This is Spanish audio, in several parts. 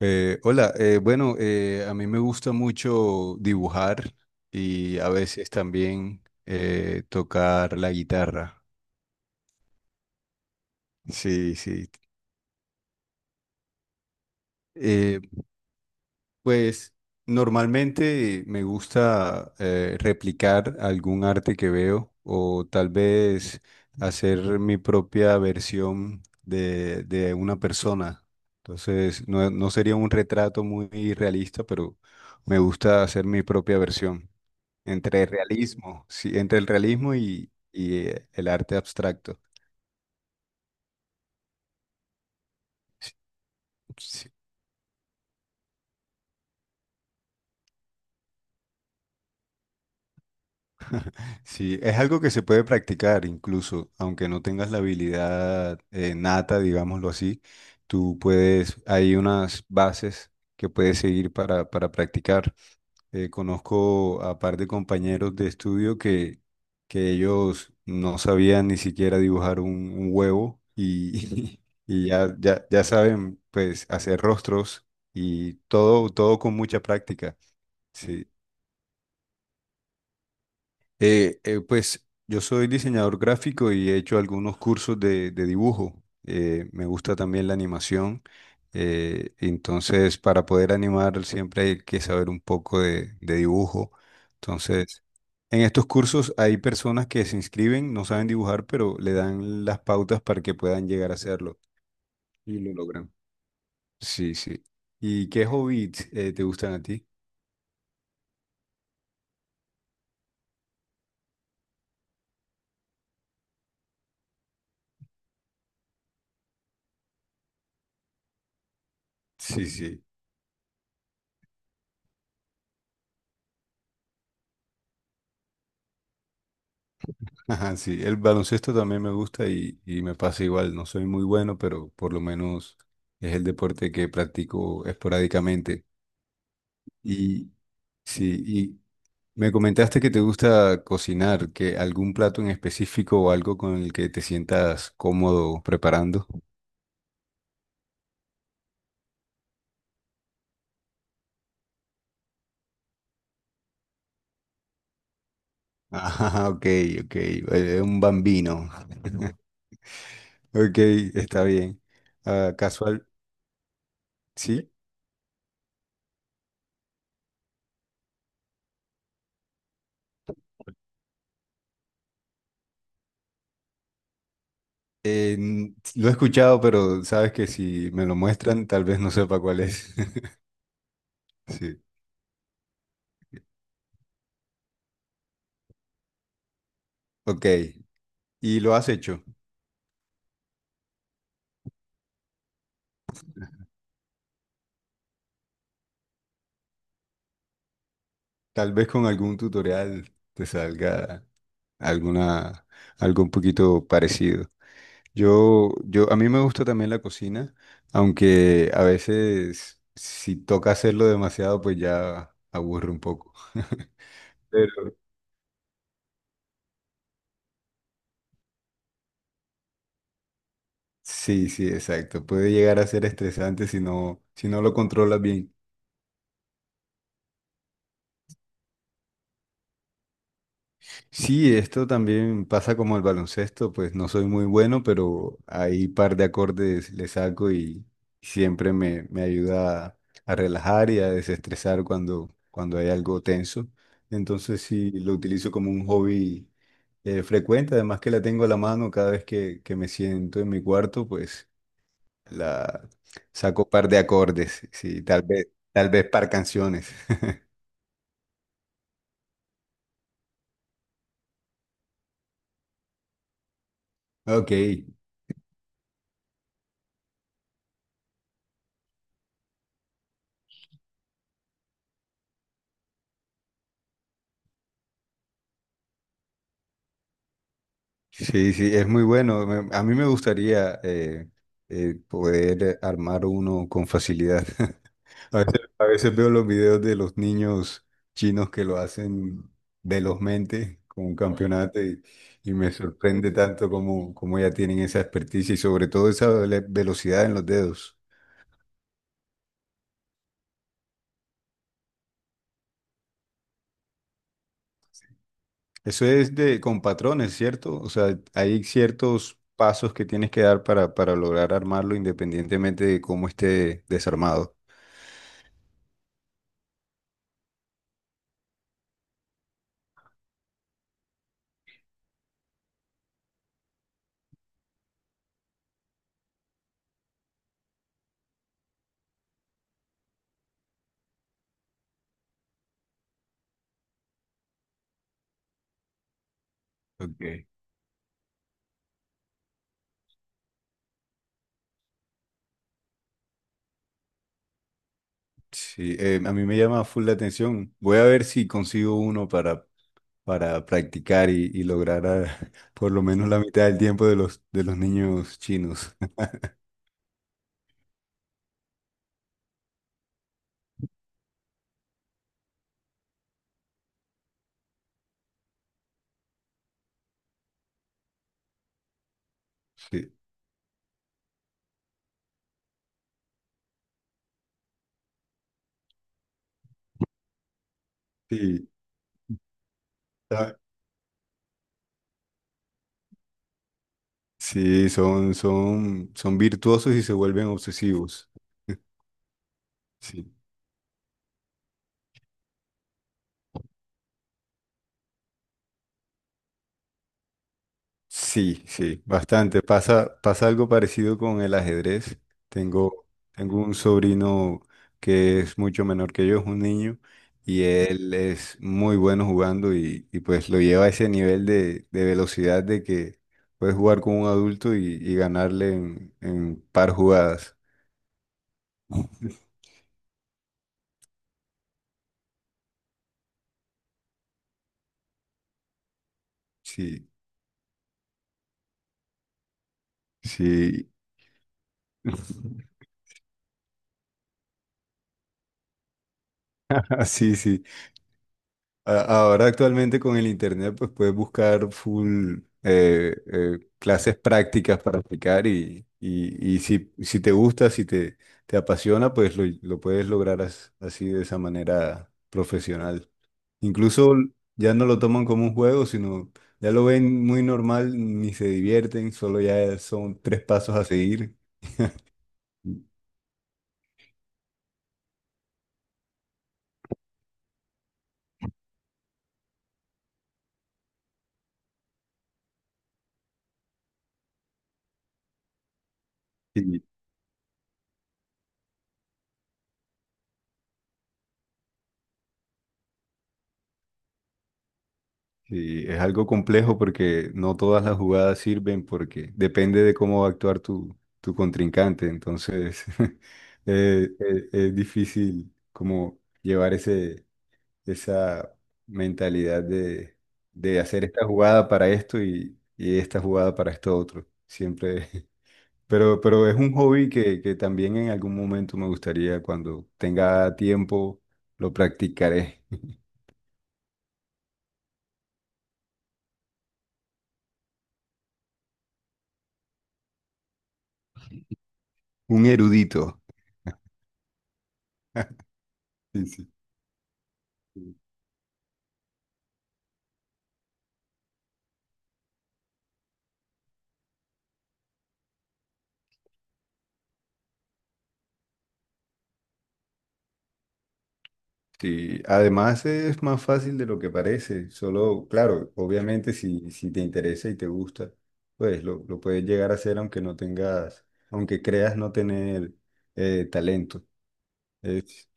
Hola, bueno, a mí me gusta mucho dibujar y a veces también tocar la guitarra. Sí, sí. Eh, pues normalmente me gusta replicar algún arte que veo o tal vez hacer mi propia versión de una persona. Entonces, no, no sería un retrato muy realista, pero me gusta hacer mi propia versión. Entre realismo, sí, entre el realismo y el arte abstracto. Sí, sí, sí, es algo que se puede practicar incluso, aunque no tengas la habilidad nata, digámoslo así, tú puedes, hay unas bases que puedes seguir para practicar. Conozco a par de compañeros de estudio que ellos no sabían ni siquiera dibujar un huevo y, y ya saben pues hacer rostros y todo con mucha práctica. Sí. Pues yo soy diseñador gráfico y he hecho algunos cursos de dibujo. Me gusta también la animación. Entonces, para poder animar siempre hay que saber un poco de dibujo. Entonces, en estos cursos hay personas que se inscriben, no saben dibujar, pero le dan las pautas para que puedan llegar a hacerlo. Y lo logran. Sí, sí. ¿Y qué hobbies te gustan a ti? Sí, sí. Ajá, sí, el baloncesto también me gusta y me pasa igual, no soy muy bueno, pero por lo menos es el deporte que practico esporádicamente. Y sí, y me comentaste que te gusta cocinar, que algún plato en específico o algo con el que te sientas cómodo preparando. Ajá, ok, ok, un bambino. Ok, está bien. Ah, casual, sí. Lo he escuchado, pero sabes que si me lo muestran, tal vez no sepa cuál es. Sí, ok. ¿Y lo has hecho? Tal vez con algún tutorial te salga alguna, algo un poquito parecido. A mí me gusta también la cocina, aunque a veces si toca hacerlo demasiado, pues ya aburre un poco. Pero sí, sí, exacto. Puede llegar a ser estresante si no, si no lo controlas bien. Sí, esto también pasa como el baloncesto, pues no soy muy bueno, pero ahí par de acordes le saco y siempre me ayuda a relajar y a desestresar cuando, cuando hay algo tenso. Entonces sí, lo utilizo como un hobby frecuente, además que la tengo a la mano cada vez que me siento en mi cuarto, pues la saco par de acordes, sí, tal vez par canciones. Ok. Sí, sí, es muy bueno. A mí me gustaría poder armar uno con facilidad. A veces veo los videos de los niños chinos que lo hacen velozmente con un campeonato y me sorprende tanto como como ya tienen esa experticia y sobre todo esa velocidad en los dedos. Eso es de con patrones, ¿cierto? O sea, hay ciertos pasos que tienes que dar para lograr armarlo independientemente de cómo esté desarmado. Ok. Sí, a mí me llama full la atención. Voy a ver si consigo uno para practicar y, por lo menos la mitad del tiempo de de los niños chinos. Sí, sí, ah, sí, son virtuosos y se vuelven obsesivos. Sí. Sí, sí, bastante. Pasa, pasa algo parecido con el ajedrez. Tengo, Tengo un sobrino que es mucho menor que yo, es un niño, y él es muy bueno jugando y pues lo lleva a ese nivel de velocidad de que puedes jugar con un adulto y ganarle en par jugadas. Sí, sí. Así, sí. Ahora actualmente con el internet pues puedes buscar full clases prácticas para aplicar y si, si te gusta, si te, te apasiona, pues lo puedes lograr así de esa manera profesional. Incluso ya no lo toman como un juego, sino ya lo ven muy normal, ni se divierten, solo ya son tres pasos a seguir. Sí, es algo complejo porque no todas las jugadas sirven porque depende de cómo va a actuar tu contrincante. Entonces, es difícil como llevar esa mentalidad de hacer esta jugada para esto y esta jugada para esto otro. Siempre. Pero es un hobby que también en algún momento me gustaría, cuando tenga tiempo, lo practicaré. Un erudito. Sí, sí. Sí, además es más fácil de lo que parece, solo, claro, obviamente si, si te interesa y te gusta, pues lo puedes llegar a hacer aunque no tengas, aunque creas no tener talento. Es-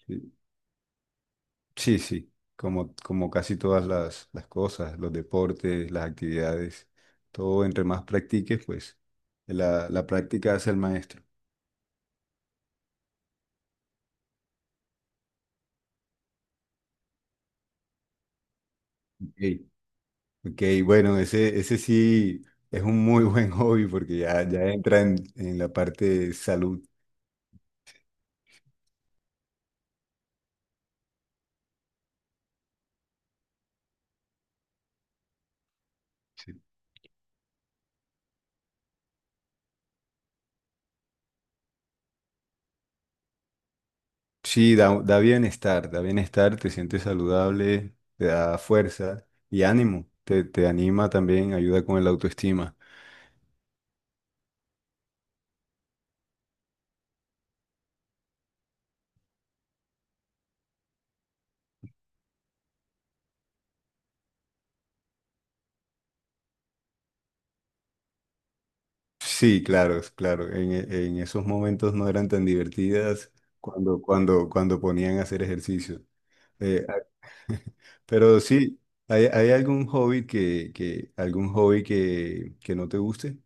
sí, sí, como, como casi todas las cosas, los deportes, las actividades, todo entre más practiques, pues la práctica hace el maestro. Ok. Ok, bueno, ese sí es un muy buen hobby porque ya entra en la parte de salud. Sí, sí, da, da bienestar, te sientes saludable, te da fuerza y ánimo, te anima también, ayuda con el autoestima. Sí, claro, es claro. En esos momentos no eran tan divertidas cuando ponían a hacer ejercicio. Eh, a- pero sí, ¿hay, hay algún hobby algún hobby que no te guste?